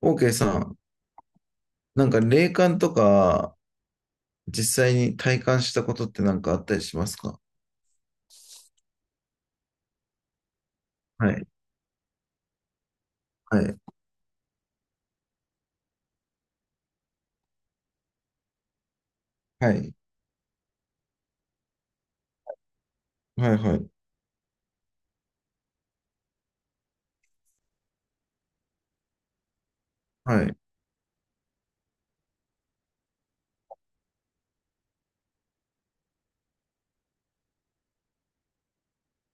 OK さん、なんか霊感とか実際に体感したことってなんかあったりしますか？はい。はい。はい。はい。はい。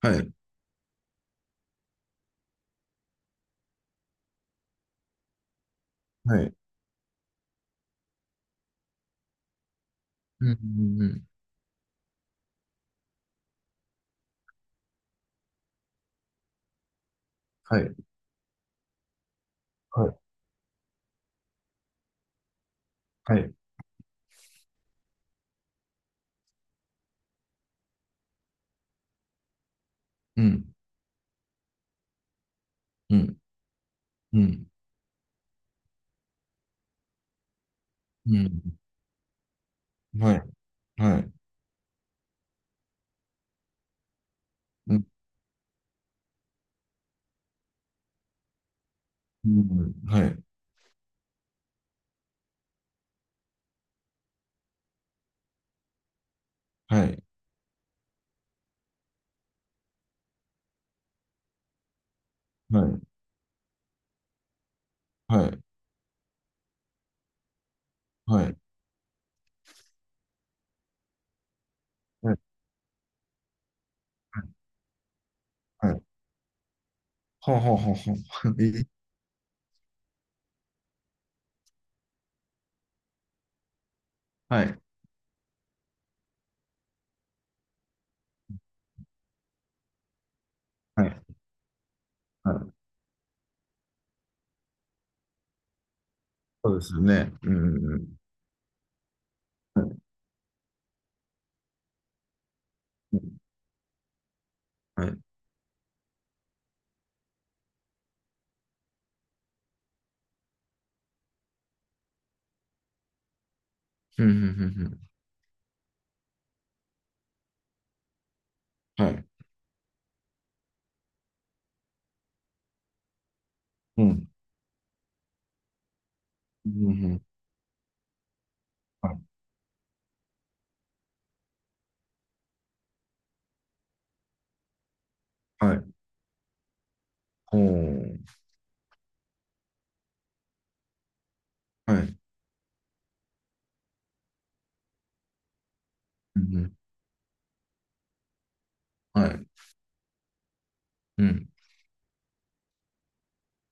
はい。はい。はい。うん。うんうんはい。はい。はい。うん。うん。うん。うん。はい。はい。うん。うんはい。はい。はい。はい。はい。はい。はい。ほうほうほうほう。はい。はい。はい。そうですよね。うん。はいうんはい。はい。うん。うん。うんうんはい。うん。うんはい。おー。はい。うん、うん。はい。うん。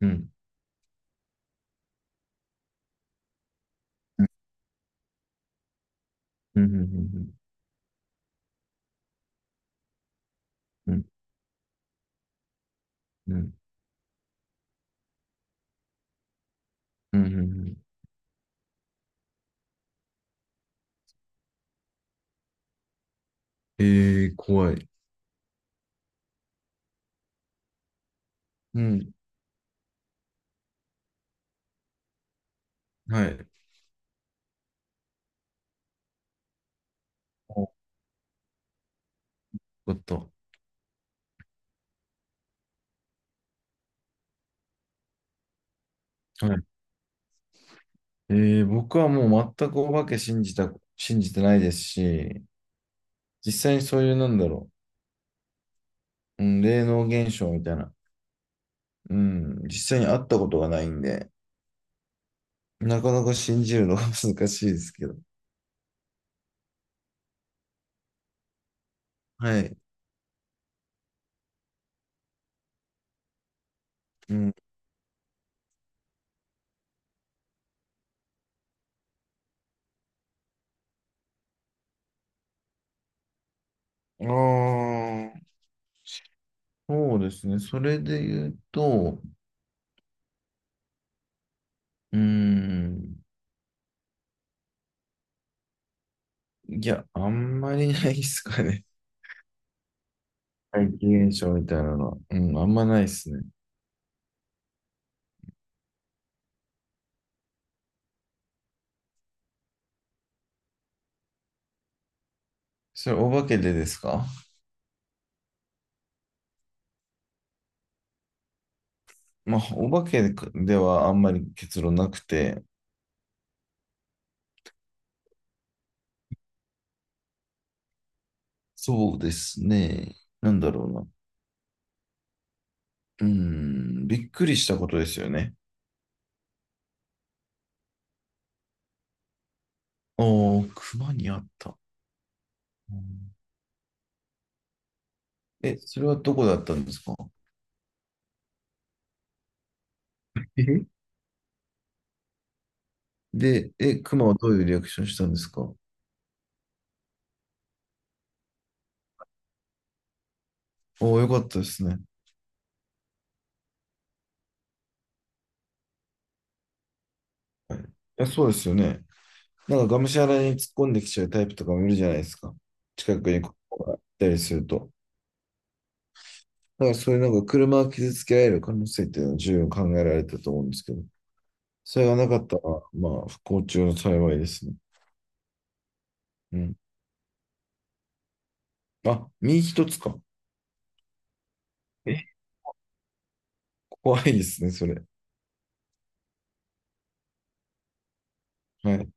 うん。うん。うん。うん。うん。うん。うんうんえ怖い。うん。はい。お、よかった。はい。え僕はもう全くお化け信じてないですし、実際にそういう、なんだろう、うん、霊能現象みたいな、うん、実際に会ったことがないんで、なかなか信じるのが 難しいですけど。はい。うん。ああ、そうですね。それで言うと、うーん。いや、あんまりないですかね。怪奇現象みたいなのは。うん、あんまないですね。それ、お化けでですか？まあ、お化けではあんまり結論なくて、そうですね。なんだろうな。びっくりしたことですよね。おー、熊にあった。うん、え、それはどこだったんですか？え、で、え、熊はどういうリアクションしたんですか？おー、よかったですね。いや、そうですよね。なんかがむしゃらに突っ込んできちゃうタイプとかもいるじゃないですか。近くにこう行ったりすると。なんかそういうなんか車を傷つけられる可能性っていうのは十分考えられたと思うんですけど、それがなかったら、まあ不幸中の幸いですね。うん。あ、身一つか。え、怖いですね、それ。はい。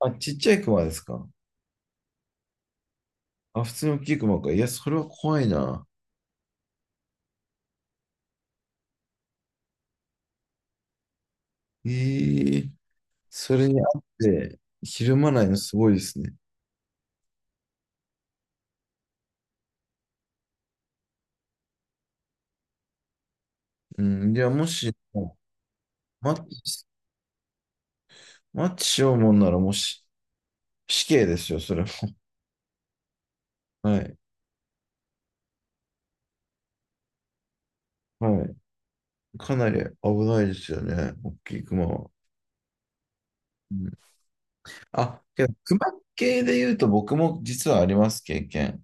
あ、ちっちゃい熊ですか。あ、普通の大きい熊か。いや、それは怖いな。ええ、それにあって、ひるまないのすごいですね。うん。いや、もし、マッチ、マッチしようもんなら、もし、死刑ですよ、それも。はい。はい。かなり危ないですよね、大きいクマは。うん、あ、けど、クマ系で言うと僕も実はあります、経験。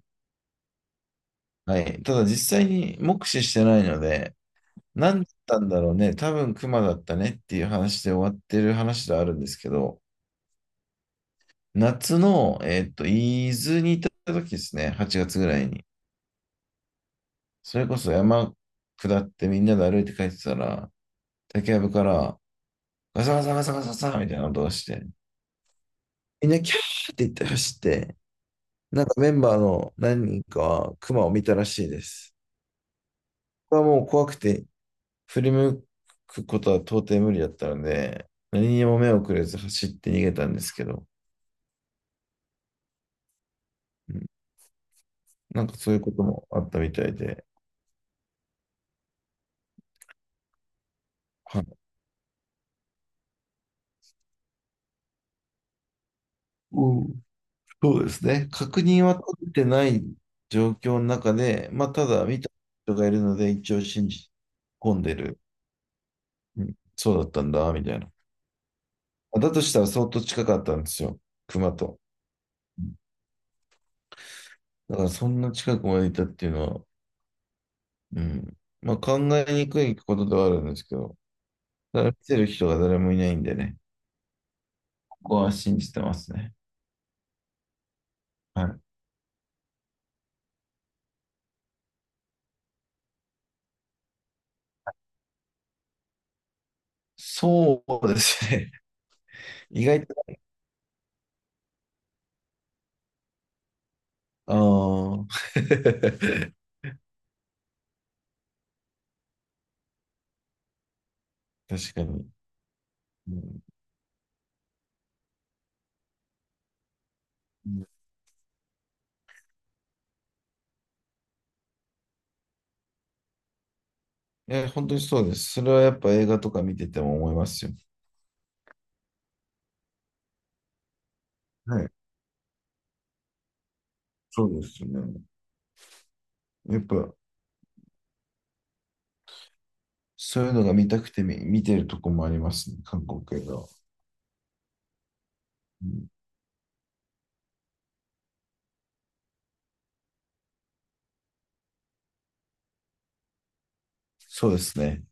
はい。ただ実際に目視してないので、何だったんだろうね、多分クマだったねっていう話で終わってる話ではあるんですけど、夏の、伊豆に行った時ですね、8月ぐらいに。それこそ山下ってみんなで歩いて帰ってたら、竹やぶからガサガサガサガサガサみたいな音がして、みんなキャーって言って走って、なんかメンバーの何人かはクマを見たらしいです。これはもう怖くて振り向くことは到底無理だったので、何にも目をくれず走って逃げたんですけど、うん、なんかそういうこともあったみたいで、はい、うん、そうですね。確認は取ってない状況の中で、まあただ見た人がいるので一応信じ込んでる。うん、そうだったんだ、みたいな。だとしたら相当近かったんですよ、クマと。だからそんな近くまでいたっていうのは、うん。まあ考えにくいことではあるんですけど、ただ見てる人が誰もいないんでね、ここは信じてますね。はい。そうですね。意外と、ああ、確かに。うん、え、本当にそうです。それはやっぱ映画とか見てても思いますよ。はい。そうですよね。やっぱ、そういうのが見たくて見、見てるとこもありますね。韓国映画は。うん、そうですね。